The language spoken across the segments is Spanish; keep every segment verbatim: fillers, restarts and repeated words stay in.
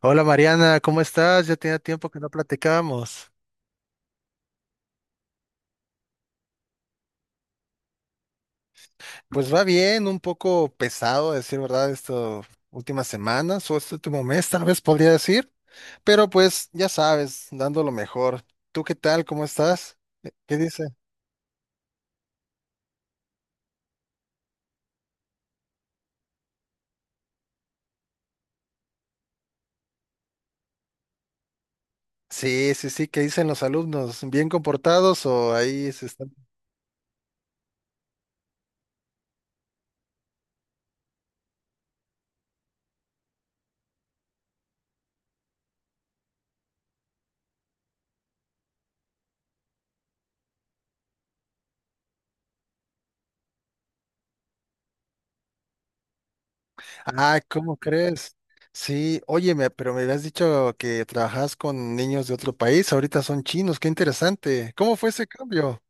Hola Mariana, ¿cómo estás? Ya tenía tiempo que no platicábamos. Pues va bien, un poco pesado, a decir verdad, estas últimas semanas o este último mes, tal vez podría decir, pero pues ya sabes, dando lo mejor. ¿Tú qué tal? ¿Cómo estás? ¿Qué qué dice? Sí, sí, sí, ¿qué dicen los alumnos? ¿Bien comportados o ahí se están? Ah, ¿cómo crees? Sí, oye, me- pero me habías dicho que trabajas con niños de otro país, ahorita son chinos, qué interesante. ¿Cómo fue ese cambio?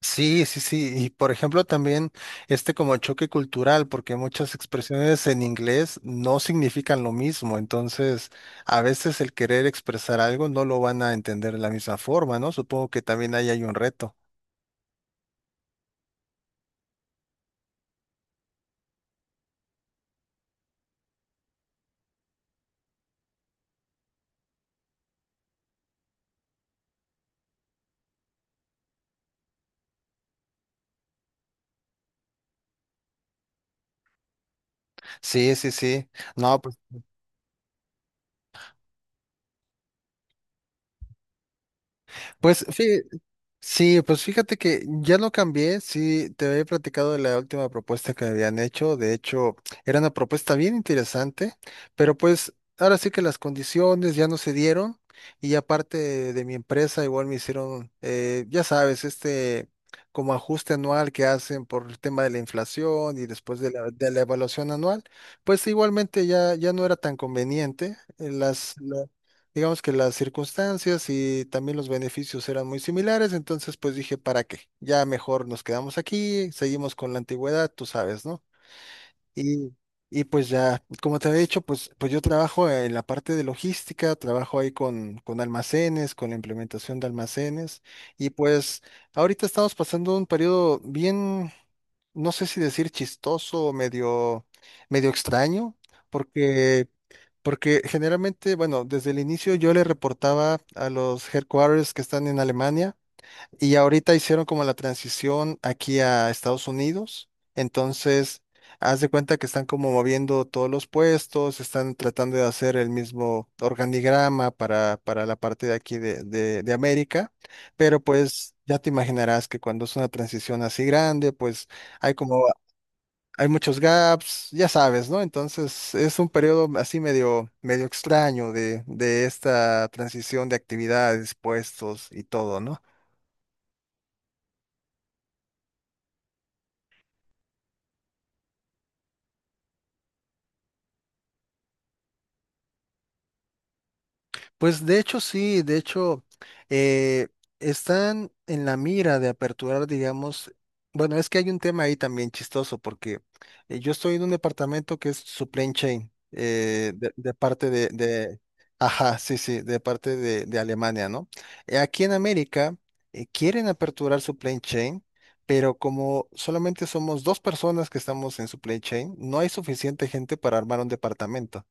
Sí, sí, sí. Y por ejemplo, también este como choque cultural, porque muchas expresiones en inglés no significan lo mismo. Entonces, a veces el querer expresar algo no lo van a entender de la misma forma, ¿no? Supongo que también ahí hay un reto. Sí, sí, sí. No, pues, pues fí- sí, pues fíjate que ya lo cambié, sí, te había platicado de la última propuesta que me habían hecho, de hecho era una propuesta bien interesante, pero pues ahora sí que las condiciones ya no se dieron y aparte de mi empresa igual me hicieron, eh, ya sabes, este como ajuste anual que hacen por el tema de la inflación y después de la, de la evaluación anual, pues igualmente ya, ya no era tan conveniente, eh, las, digamos que las circunstancias y también los beneficios eran muy similares, entonces pues dije, ¿para qué? Ya mejor nos quedamos aquí, seguimos con la antigüedad, tú sabes, ¿no? Y, y pues ya, como te había dicho, pues, pues yo trabajo en la parte de logística, trabajo ahí con, con almacenes, con la implementación de almacenes, y pues ahorita estamos pasando un periodo bien, no sé si decir chistoso o medio, medio extraño, porque, porque generalmente, bueno, desde el inicio yo le reportaba a los headquarters que están en Alemania. Y ahorita hicieron como la transición aquí a Estados Unidos. Entonces, haz de cuenta que están como moviendo todos los puestos, están tratando de hacer el mismo organigrama para, para la parte de aquí de, de, de América. Pero pues ya te imaginarás que cuando es una transición así grande, pues hay como, hay muchos gaps, ya sabes, ¿no? Entonces, es un periodo así medio, medio extraño de, de esta transición de actividades, puestos y todo, ¿no? Pues de hecho sí, de hecho eh, están en la mira de aperturar, digamos, bueno, es que hay un tema ahí también chistoso porque eh, yo estoy en un departamento que es supply chain eh, de, de parte de, de- ajá, sí, sí, de parte de, de Alemania, ¿no? Eh, aquí en América eh, quieren aperturar supply chain, pero como solamente somos dos personas que estamos en supply chain, no hay suficiente gente para armar un departamento.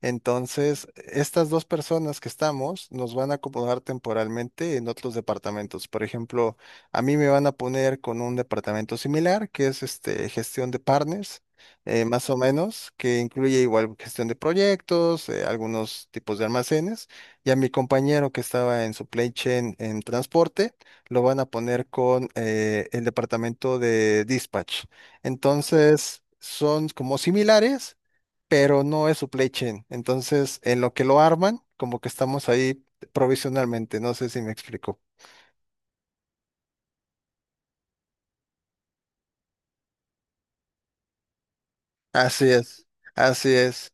Entonces, estas dos personas que estamos nos van a acomodar temporalmente en otros departamentos. Por ejemplo, a mí me van a poner con un departamento similar, que es este, gestión de partners, eh, más o menos, que incluye igual gestión de proyectos, eh, algunos tipos de almacenes. Y a mi compañero que estaba en supply chain en transporte, lo van a poner con eh, el departamento de dispatch. Entonces, son como similares pero no es supply chain. Entonces, en lo que lo arman, como que estamos ahí provisionalmente, no sé si me explico. Así es, así es.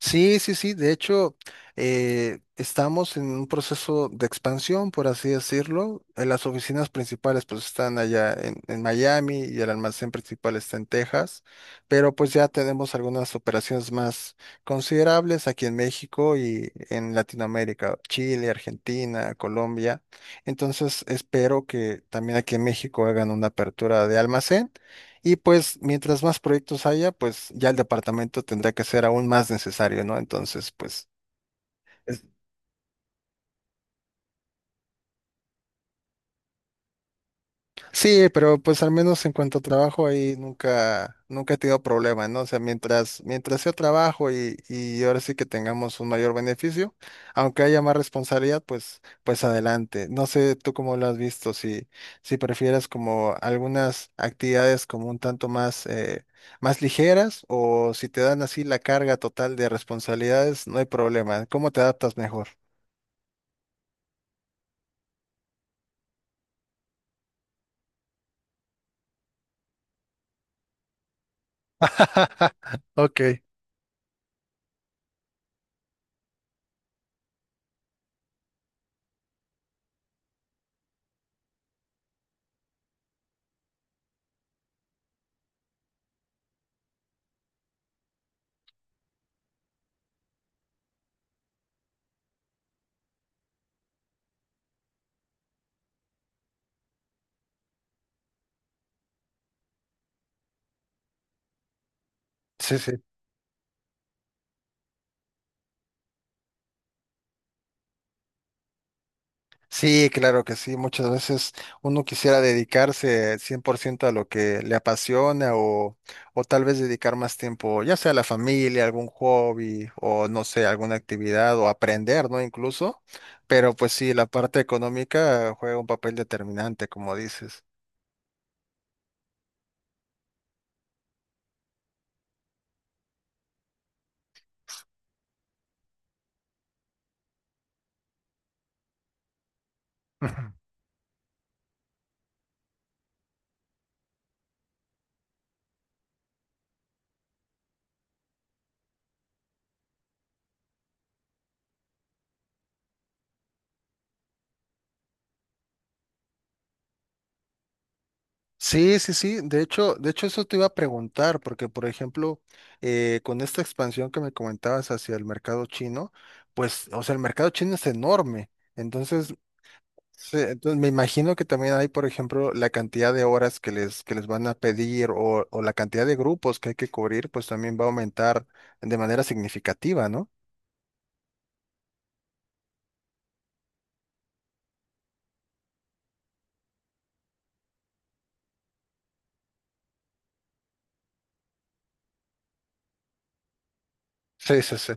Sí, sí, sí. De hecho, eh, estamos en un proceso de expansión, por así decirlo. Eh, Las oficinas principales pues están allá en, en Miami y el almacén principal está en Texas, pero pues ya tenemos algunas operaciones más considerables aquí en México y en Latinoamérica, Chile, Argentina, Colombia. Entonces, espero que también aquí en México hagan una apertura de almacén. Y pues mientras más proyectos haya, pues ya el departamento tendrá que ser aún más necesario, ¿no? Entonces, pues es- sí, pero pues al menos en cuanto a trabajo ahí nunca, nunca he tenido problema, ¿no? O sea, mientras, mientras yo trabajo y, y ahora sí que tengamos un mayor beneficio, aunque haya más responsabilidad, pues, pues adelante. No sé tú cómo lo has visto, si, si prefieres como algunas actividades como un tanto más, eh, más ligeras o si te dan así la carga total de responsabilidades, no hay problema. ¿Cómo te adaptas mejor? Ok. Sí, sí. Sí, claro que sí. Muchas veces uno quisiera dedicarse cien por ciento a lo que le apasiona o, o tal vez dedicar más tiempo, ya sea a la familia, algún hobby o no sé, alguna actividad o aprender, ¿no? Incluso. Pero pues sí, la parte económica juega un papel determinante, como dices. Ujú. Sí, sí, sí. De hecho, de hecho eso te iba a preguntar, porque por ejemplo, eh, con esta expansión que me comentabas hacia el mercado chino, pues, o sea, el mercado chino es enorme. Entonces, sí, entonces me imagino que también hay, por ejemplo, la cantidad de horas que les, que les van a pedir o, o la cantidad de grupos que hay que cubrir, pues también va a aumentar de manera significativa, ¿no? Sí, sí, sí.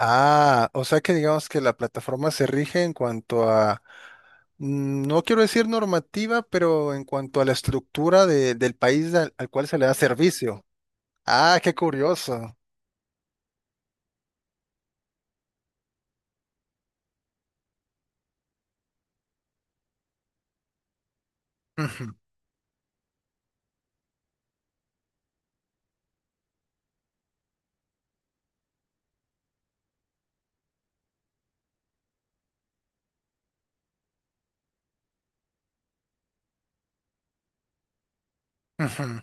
Ah, o sea que digamos que la plataforma se rige en cuanto a, mm, no quiero decir normativa, pero en cuanto a la estructura de- del país al, al cual se le da servicio. Ah, qué curioso. Ujú, ujú.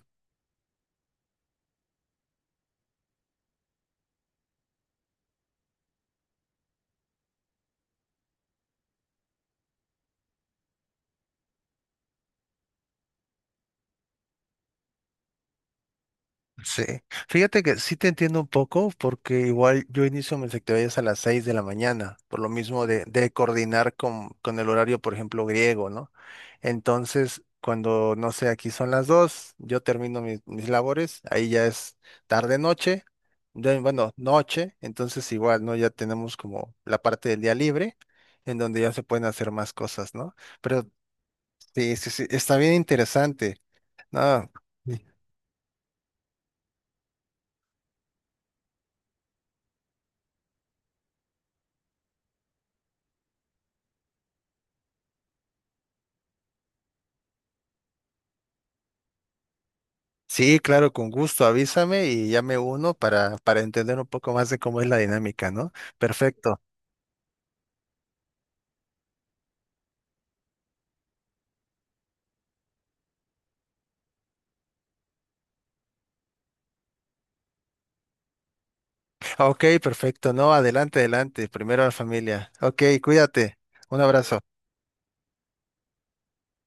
Sí, fíjate que sí te entiendo un poco porque igual yo inicio mis actividades a las seis de la mañana, por lo mismo de, de coordinar con, con el horario, por ejemplo, griego, ¿no? Entonces, cuando, no sé, aquí son las dos yo termino mis, mis labores, ahí ya es tarde noche, ya, bueno, noche, entonces igual, ¿no? Ya tenemos como la parte del día libre en donde ya se pueden hacer más cosas, ¿no? Pero sí, sí, sí, está bien interesante, ¿no? Sí, claro, con gusto, avísame y ya me uno para, para entender un poco más de cómo es la dinámica, ¿no? Perfecto. Ok, perfecto. No, adelante, adelante. Primero la familia. Ok, cuídate. Un abrazo.